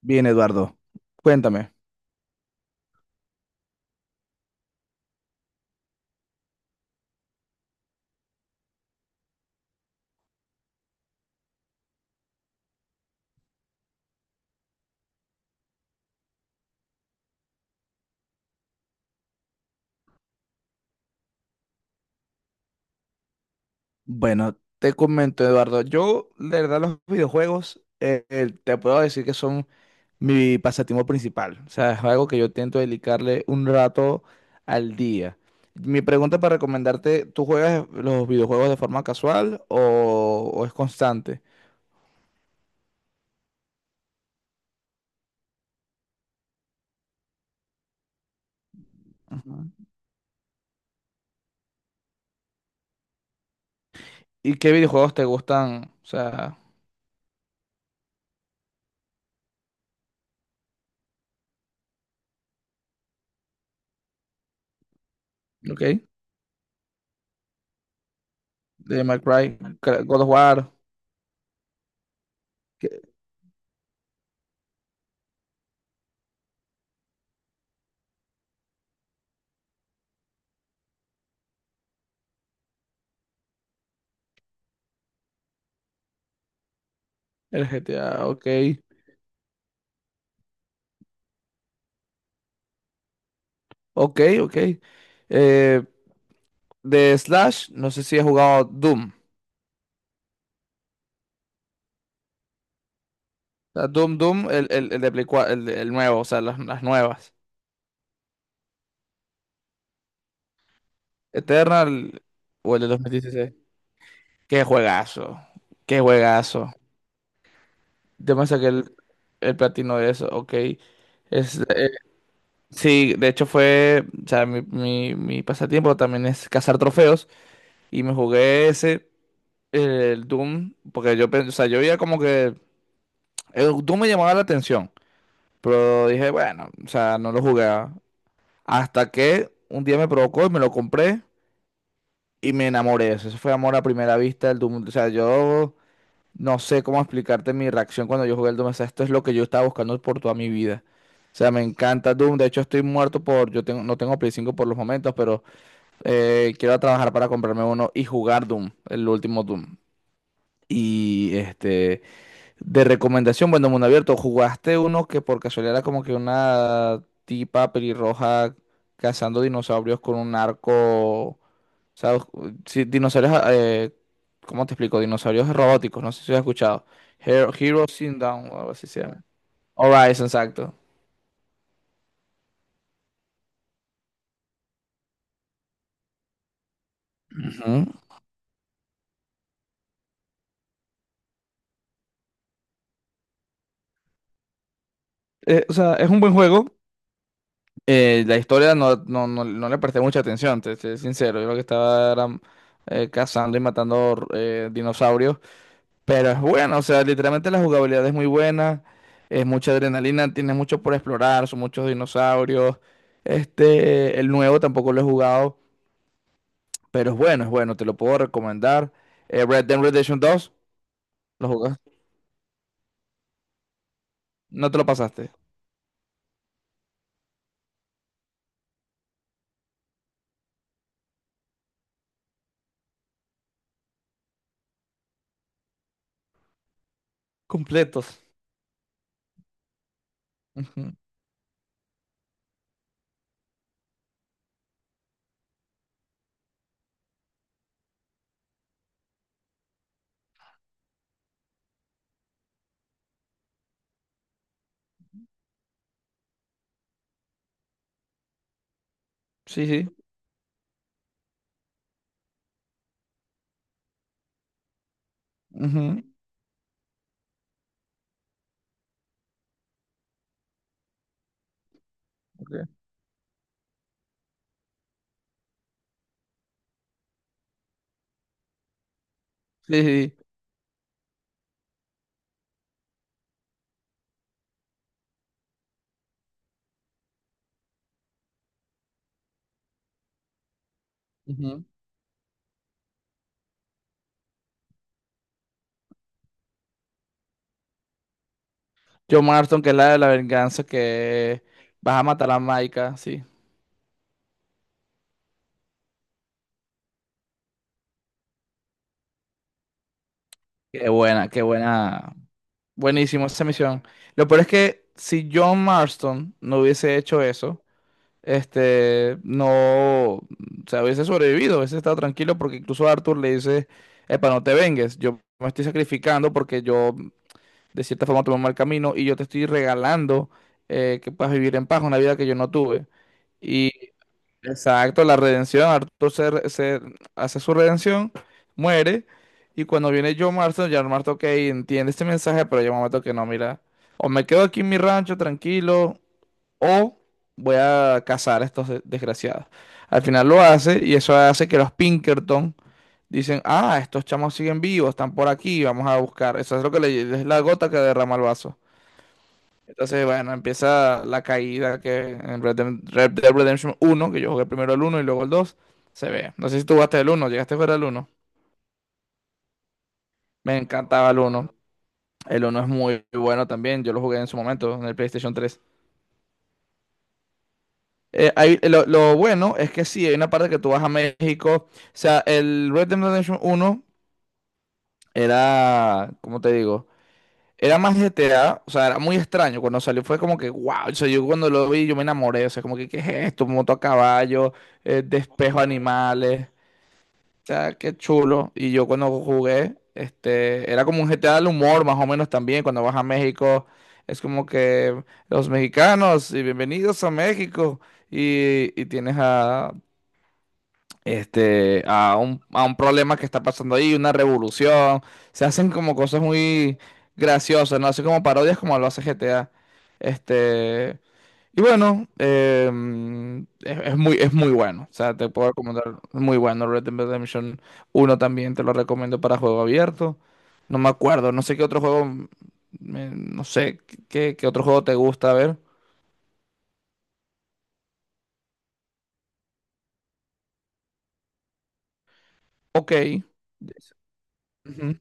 Bien, Eduardo, cuéntame. Bueno, te comento, Eduardo, yo, la verdad, los videojuegos, te puedo decir que son mi pasatiempo principal. O sea, es algo que yo intento dedicarle un rato al día. Mi pregunta para recomendarte, ¿tú juegas los videojuegos de forma casual o es constante? Ujú. ¿Y qué videojuegos te gustan? O sea, ok, de Minecraft, God of War, que- el GTA, ok, ok, ok. Eh, De Slash, no sé si he jugado Doom. O sea, Doom, el de Play 4, el nuevo, o sea, las nuevas. Eternal o el de 2016. Qué juegazo, qué juegazo. Yo me saqué el platino de eso, ok. Es, sí, de hecho fue, o sea, mi pasatiempo también es cazar trofeos y me jugué ese, el Doom, porque yo, o sea, yo veía como que el Doom me llamaba la atención, pero dije, bueno, o sea, no lo jugué. Hasta que un día me provocó y me lo compré y me enamoré. Eso fue amor a primera vista del Doom. O sea, yo no sé cómo explicarte mi reacción cuando yo jugué el Doom. O sea, esto es lo que yo estaba buscando por toda mi vida. O sea, me encanta Doom. De hecho, estoy muerto por... Yo tengo, no tengo Play 5 por los momentos, pero quiero trabajar para comprarme uno y jugar Doom, el último Doom. Y este... De recomendación, bueno, mundo abierto, ¿jugaste uno que por casualidad era como que una tipa pelirroja cazando dinosaurios con un arco? ¿Sabes? Sí, dinosaurios, ¿cómo te explico? Dinosaurios robóticos, no sé si has escuchado. Hero, Heroes in Down, o algo así se llama. Horizon, exacto. Ujú. O sea, es un buen juego. La historia no le presté mucha atención, te soy sincero. Yo lo que estaba era, cazando y matando dinosaurios. Pero es buena, o sea, literalmente la jugabilidad es muy buena, es mucha adrenalina, tienes mucho por explorar, son muchos dinosaurios. Este, el nuevo tampoco lo he jugado, pero es bueno, te lo puedo recomendar. Red Dead Redemption dos. ¿Lo jugaste? No te lo pasaste. Completos. Ujú. Sí, sí. Ujú. Ok. Sí, sí. Ujú. Joe Marston, que es la de la venganza, que vas a matar a Maika, sí. Qué buena, qué buena. Buenísimo esa misión. Lo peor es que si John Marston no hubiese hecho eso, este, no, o sea, hubiese sobrevivido, hubiese estado tranquilo porque incluso Arthur le dice, epa, no te vengues, yo me estoy sacrificando porque yo de cierta forma tomé un mal camino y yo te estoy regalando que puedas vivir en paz una vida que yo no tuve. Y Exacto, la redención, Arthur se hace su redención, muere, y cuando viene John Marston, John Marston, ok, entiende este mensaje, pero llega un momento que no, mira, o me quedo aquí en mi rancho tranquilo, o voy a cazar a estos desgraciados. Al final lo hace, y eso hace que los Pinkerton dicen, ah, estos chamos siguen vivos, están por aquí, vamos a buscar. Eso es lo que le, es la gota que derrama el vaso. Entonces, bueno, empieza la caída que en Red Dead Redemption uno, que yo jugué primero el uno y luego el dos, se ve. No sé si tú jugaste el uno, llegaste a jugar el uno. Me encantaba el uno. El uno es muy bueno también, yo lo jugué en su momento, en el PlayStation 3. Lo bueno es que sí, hay una parte que tú vas a México. O sea, el Red Dead Redemption uno era, ¿cómo te digo? Era más GTA, o sea, era muy extraño. Cuando salió fue como que, wow, o sea, yo cuando lo vi yo me enamoré, o sea, como que, ¿qué es esto? Moto a caballo, despejo animales, o sea, qué chulo. Y yo cuando jugué, este, era como un GTA del humor, más o menos también, cuando vas a México, es como que los mexicanos, y bienvenidos a México, y tienes a, este, a un problema que está pasando ahí, una revolución. Se hacen como cosas muy graciosas, ¿no? Así como parodias como lo hace GTA. Este, y bueno, em, es muy bueno. O sea, te puedo recomendar, muy bueno. Red Dead Redemption uno también te lo recomiendo para juego abierto. No me acuerdo, no sé qué otro juego, no sé qué, qué otro juego te gusta, a ver. Ok. Yes. Ujú.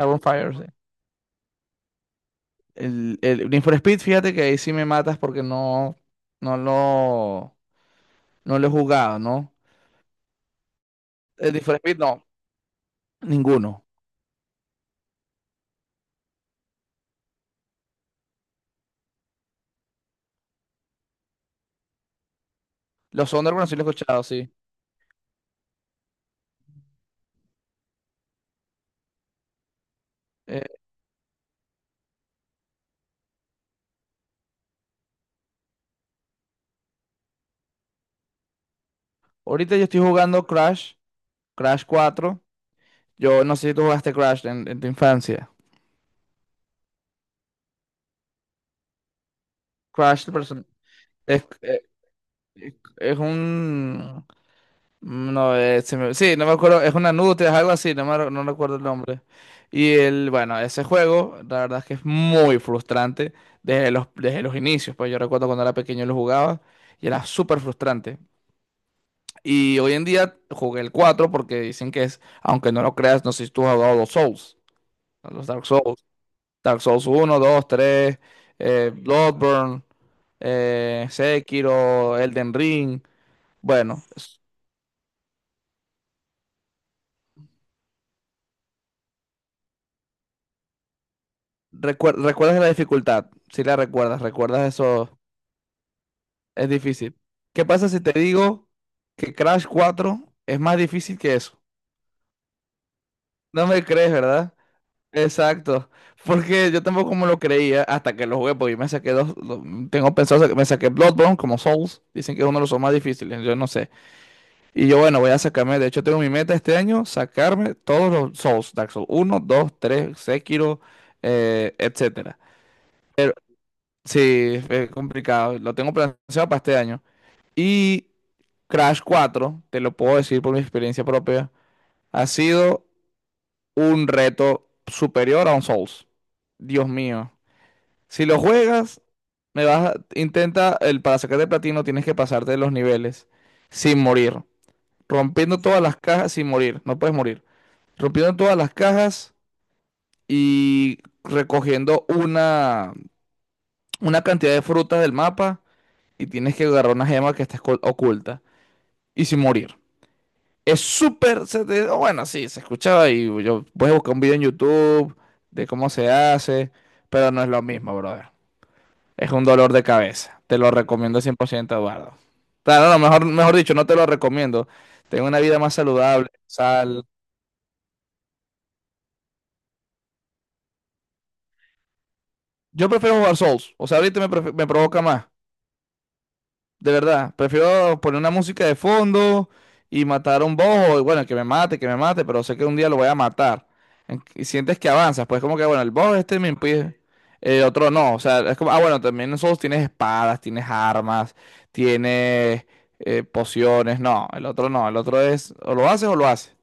Dragon Fire. El Need for Speed, fíjate que ahí sí me matas porque no, no lo, no lo he jugado, ¿no? El Need for Speed, no, ninguno. Los Underground sí lo he escuchado, sí. Eh, ahorita yo estoy jugando Crash, Crash 4. Yo no sé si tú jugaste Crash en tu infancia. Crash el person- es, eh, es un, no, sí, no me acuerdo, es una nutria, es algo así, no recuerdo el nombre. Y el, bueno, ese juego, la verdad es que es muy frustrante desde los inicios, pues yo recuerdo cuando era pequeño lo jugaba y era súper frustrante. Y hoy en día jugué el 4 porque dicen que es, aunque no lo creas, no sé si tú has jugado los Souls, los Dark Souls, Dark Souls 1, 2, 3 Bloodborne, Sekiro, Elden Ring, bueno. ¿Recuerdas la dificultad? Si la recuerdas, recuerdas eso, es difícil. ¿Qué pasa si te digo que Crash 4 es más difícil que eso? No me crees, ¿verdad? Exacto. Porque yo tampoco me lo creía hasta que lo jugué, porque yo me saqué dos, tengo pensado, que me saqué Bloodborne como Souls, dicen que es uno de los más difíciles, yo no sé. Y yo bueno, voy a sacarme, de hecho tengo mi meta este año, sacarme todos los Souls, Dark Souls 1, 2, 3 Sekiro, etcétera. Sí, es complicado. Lo tengo planeado para este año. Y Crash 4 te lo puedo decir por mi experiencia propia, ha sido un reto superior a un Souls. Dios mío. Si lo juegas, intenta, el para sacar de platino tienes que pasarte los niveles sin morir, rompiendo todas las cajas sin morir, no puedes morir. Rompiendo todas las cajas y recogiendo una cantidad de frutas del mapa y tienes que agarrar una gema que está oculta y sin morir. Es súper. O bueno, sí, se escuchaba y yo, puedes buscar un video en YouTube de cómo se hace, pero no es lo mismo, brother. Es un dolor de cabeza. Te lo recomiendo 100%, Eduardo. Claro, no, mejor, mejor dicho, no te lo recomiendo. Tengo una vida más saludable, sal. Yo prefiero jugar Souls. O sea, ahorita me, me provoca más. De verdad, prefiero poner una música de fondo y matar a un boss, o bueno, que me mate, pero sé que un día lo voy a matar. Y sientes que avanzas, pues como que, bueno, el boss este me impide, el otro no, o sea, es como, ah, bueno, también nosotros tienes espadas, tienes armas, tienes pociones, no, el otro no, el otro es, o lo haces o lo haces.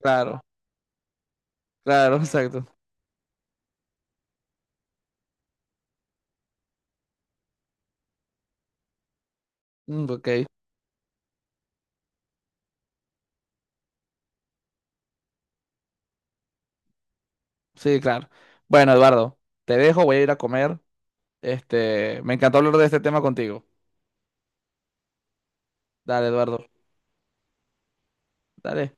Claro, claro, exacto. Mm, ok, sí, claro. Bueno, Eduardo, te dejo, voy a ir a comer. Este, me encantó hablar de este tema contigo. Dale, Eduardo, dale.